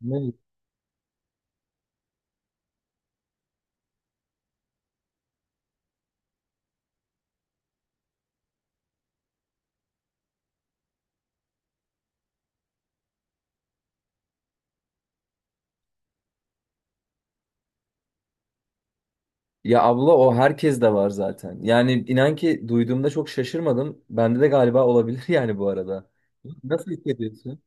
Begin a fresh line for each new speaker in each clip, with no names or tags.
Ne? Ya abla, o herkes de var zaten. Yani inan ki duyduğumda çok şaşırmadım. Bende de galiba olabilir yani bu arada. Nasıl hissediyorsun?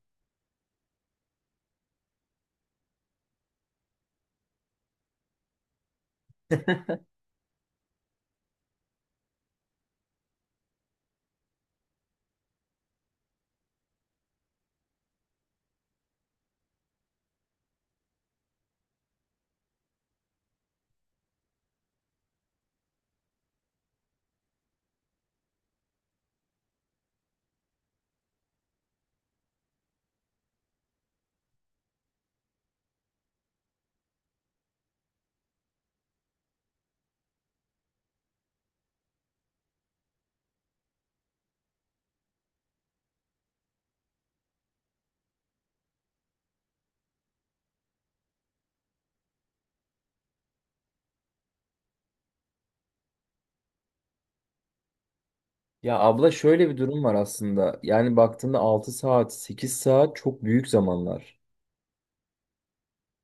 Ya abla, şöyle bir durum var aslında. Yani baktığında 6 saat, 8 saat çok büyük zamanlar.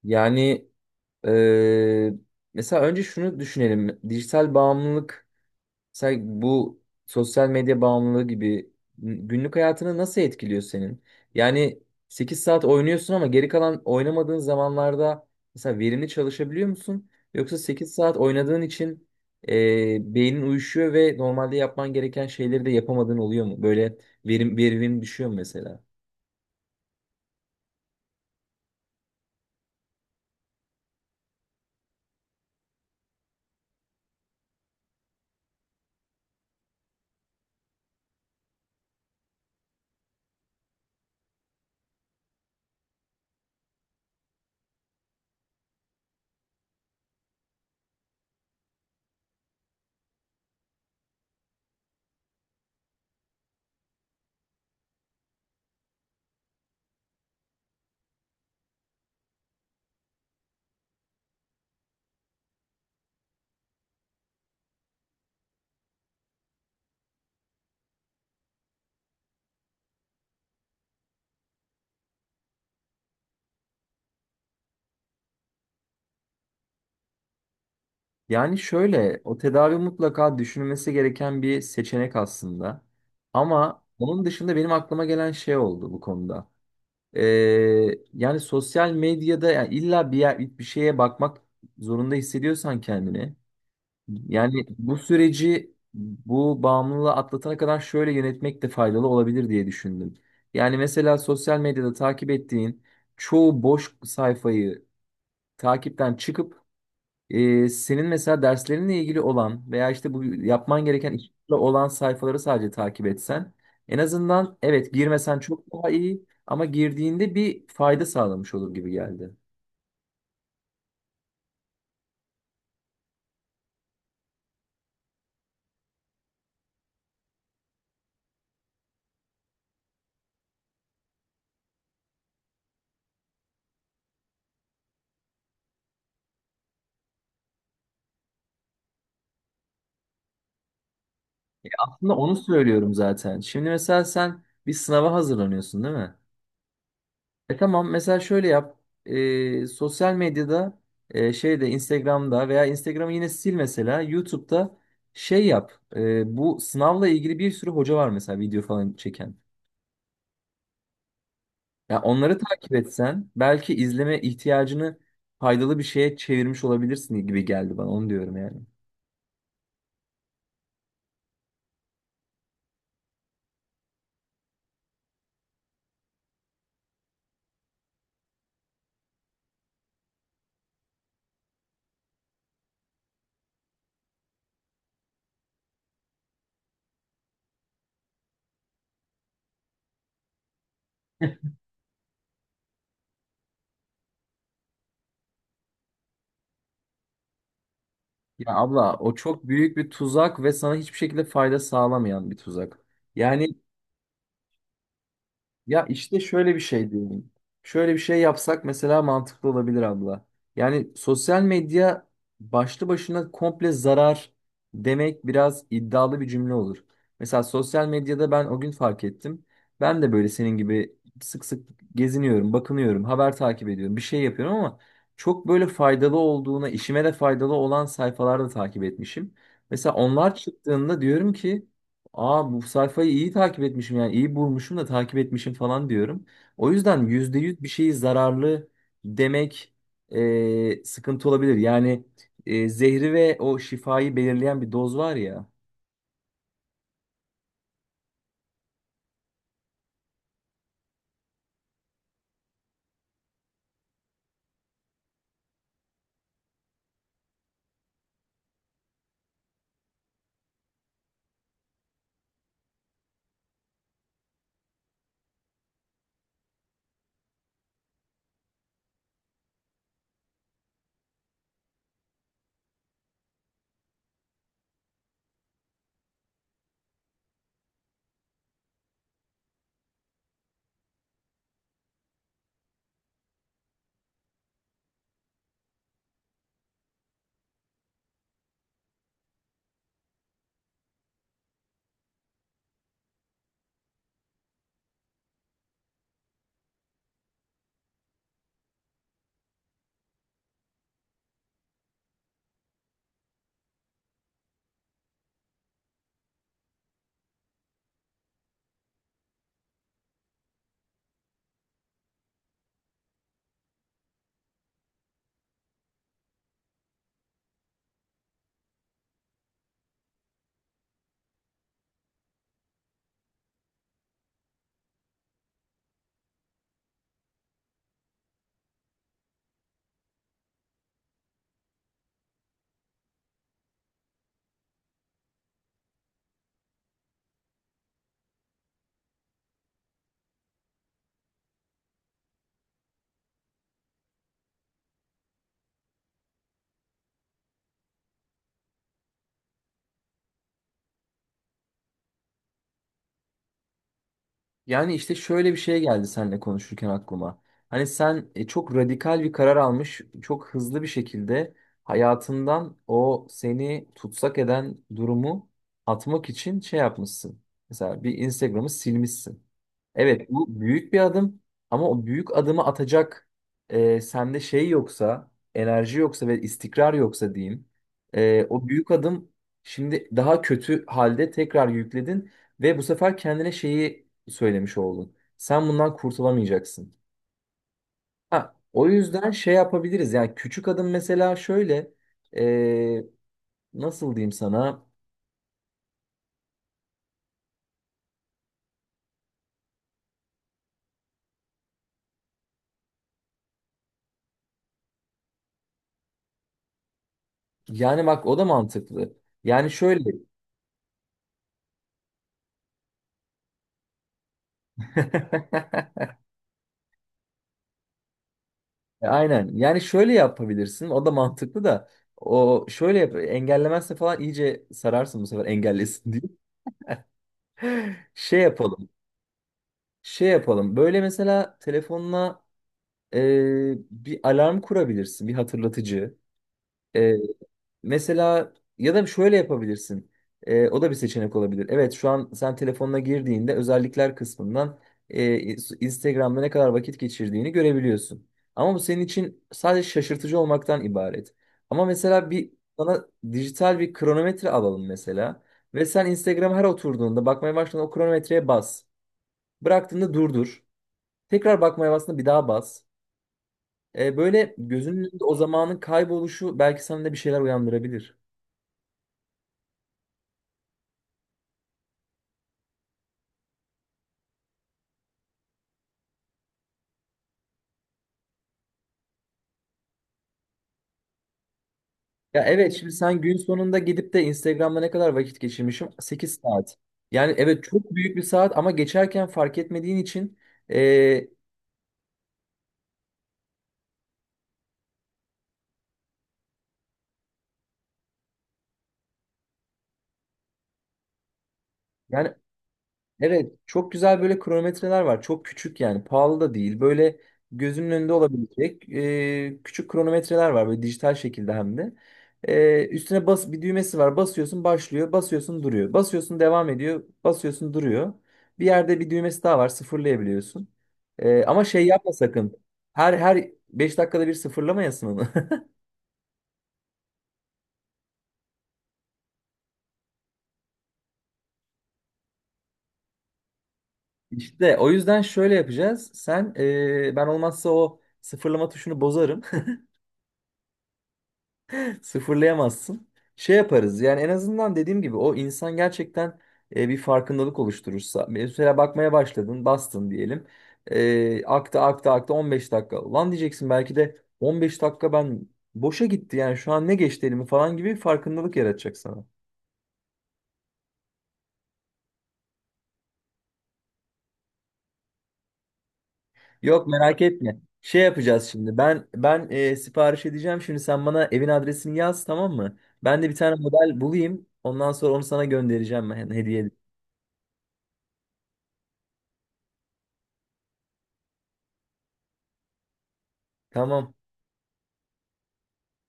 Yani eee, mesela önce şunu düşünelim. Dijital bağımlılık. Sen bu sosyal medya bağımlılığı gibi günlük hayatını nasıl etkiliyor senin? Yani 8 saat oynuyorsun ama geri kalan oynamadığın zamanlarda mesela verimli çalışabiliyor musun? Yoksa 8 saat oynadığın için beynin uyuşuyor ve normalde yapman gereken şeyleri de yapamadığın oluyor mu? Böyle verimin düşüyor mu mesela? Yani şöyle, o tedavi mutlaka düşünülmesi gereken bir seçenek aslında. Ama onun dışında benim aklıma gelen şey oldu bu konuda. Ee, yani sosyal medyada, yani illa bir yer, bir şeye bakmak zorunda hissediyorsan kendini. Yani bu süreci, bu bağımlılığı atlatana kadar şöyle yönetmek de faydalı olabilir diye düşündüm. Yani mesela sosyal medyada takip ettiğin çoğu boş sayfayı takipten çıkıp, senin mesela derslerinle ilgili olan veya işte bu yapman gereken işle olan sayfaları sadece takip etsen, en azından evet girmesen çok daha iyi ama girdiğinde bir fayda sağlamış olur gibi geldi. Aslında onu söylüyorum zaten. Şimdi mesela sen bir sınava hazırlanıyorsun, değil mi? E tamam, mesela şöyle yap. Sosyal medyada, şeyde Instagram'da, veya Instagram'ı yine sil, mesela YouTube'da şey yap. Bu sınavla ilgili bir sürü hoca var mesela, video falan çeken. Ya onları takip etsen belki izleme ihtiyacını faydalı bir şeye çevirmiş olabilirsin gibi geldi bana. Onu diyorum yani. Ya abla, o çok büyük bir tuzak ve sana hiçbir şekilde fayda sağlamayan bir tuzak. Yani. Ya işte şöyle bir şey diyeyim. Şöyle bir şey yapsak mesela mantıklı olabilir abla. Yani sosyal medya başlı başına komple zarar demek biraz iddialı bir cümle olur. Mesela sosyal medyada ben o gün fark ettim. Ben de böyle senin gibi sık sık geziniyorum, bakınıyorum, haber takip ediyorum, bir şey yapıyorum ama çok böyle faydalı olduğuna, işime de faydalı olan sayfalarda takip etmişim. Mesela onlar çıktığında diyorum ki, aa bu sayfayı iyi takip etmişim, yani iyi bulmuşum da takip etmişim falan diyorum. O yüzden yüzde yüz bir şeyi zararlı demek sıkıntı olabilir. Yani zehri ve o şifayı belirleyen bir doz var ya. Yani işte şöyle bir şey geldi seninle konuşurken aklıma. Hani sen çok radikal bir karar almış, çok hızlı bir şekilde hayatından o seni tutsak eden durumu atmak için şey yapmışsın. Mesela bir Instagram'ı silmişsin. Evet, bu büyük bir adım ama o büyük adımı atacak sende şey yoksa, enerji yoksa ve istikrar yoksa diyeyim. O büyük adım şimdi daha kötü halde tekrar yükledin ve bu sefer kendine şeyi söylemiş oldun. Sen bundan kurtulamayacaksın. Ha, o yüzden şey yapabiliriz yani. Küçük adım mesela, şöyle e, nasıl diyeyim sana, yani bak o da mantıklı. Yani şöyle Aynen. Yani şöyle yapabilirsin. O da mantıklı da. O şöyle yap. Engellemezse falan iyice sararsın bu sefer, engellesin diye. Şey yapalım. Şey yapalım. Böyle mesela telefonuna bir alarm kurabilirsin. Bir hatırlatıcı. Mesela ya da şöyle yapabilirsin. O da bir seçenek olabilir. Evet, şu an sen telefonuna girdiğinde özellikler kısmından e, Instagram'da ne kadar vakit geçirdiğini görebiliyorsun. Ama bu senin için sadece şaşırtıcı olmaktan ibaret. Ama mesela bir sana dijital bir kronometre alalım mesela. Ve sen Instagram'a her oturduğunda, bakmaya başladığında o kronometreye bas. Bıraktığında durdur. Tekrar bakmaya bastığında bir daha bas. Böyle gözünün önünde o zamanın kayboluşu belki sende bir şeyler uyandırabilir. Ya evet, şimdi sen gün sonunda gidip de Instagram'da ne kadar vakit geçirmişim? 8 saat. Yani evet, çok büyük bir saat ama geçerken fark etmediğin için e, yani. Evet, çok güzel böyle kronometreler var. Çok küçük yani, pahalı da değil. Böyle gözünün önünde olabilecek küçük kronometreler var, böyle dijital şekilde hem de. Üstüne bas, bir düğmesi var. Basıyorsun başlıyor, basıyorsun duruyor. Basıyorsun devam ediyor, basıyorsun duruyor. Bir yerde bir düğmesi daha var, sıfırlayabiliyorsun. Ama şey yapma sakın. Her 5 dakikada bir sıfırlamayasın onu. İşte o yüzden şöyle yapacağız. Sen ben olmazsa o sıfırlama tuşunu bozarım. Sıfırlayamazsın. Şey yaparız yani, en azından dediğim gibi o insan gerçekten bir farkındalık oluşturursa. Mesela bakmaya başladın, bastın diyelim. Aktı 15 dakika. Lan diyeceksin, belki de 15 dakika ben boşa gitti yani, şu an ne geçti elimi falan gibi bir farkındalık yaratacak sana. Yok, merak etme. Şey yapacağız şimdi. Ben sipariş edeceğim. Şimdi sen bana evin adresini yaz, tamam mı? Ben de bir tane model bulayım. Ondan sonra onu sana göndereceğim, ben hediye edeyim. Tamam.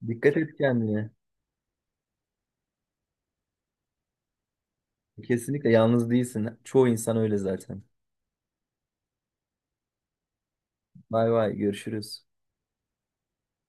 Dikkat et kendine. Kesinlikle yalnız değilsin. Çoğu insan öyle zaten. Bay bay, görüşürüz.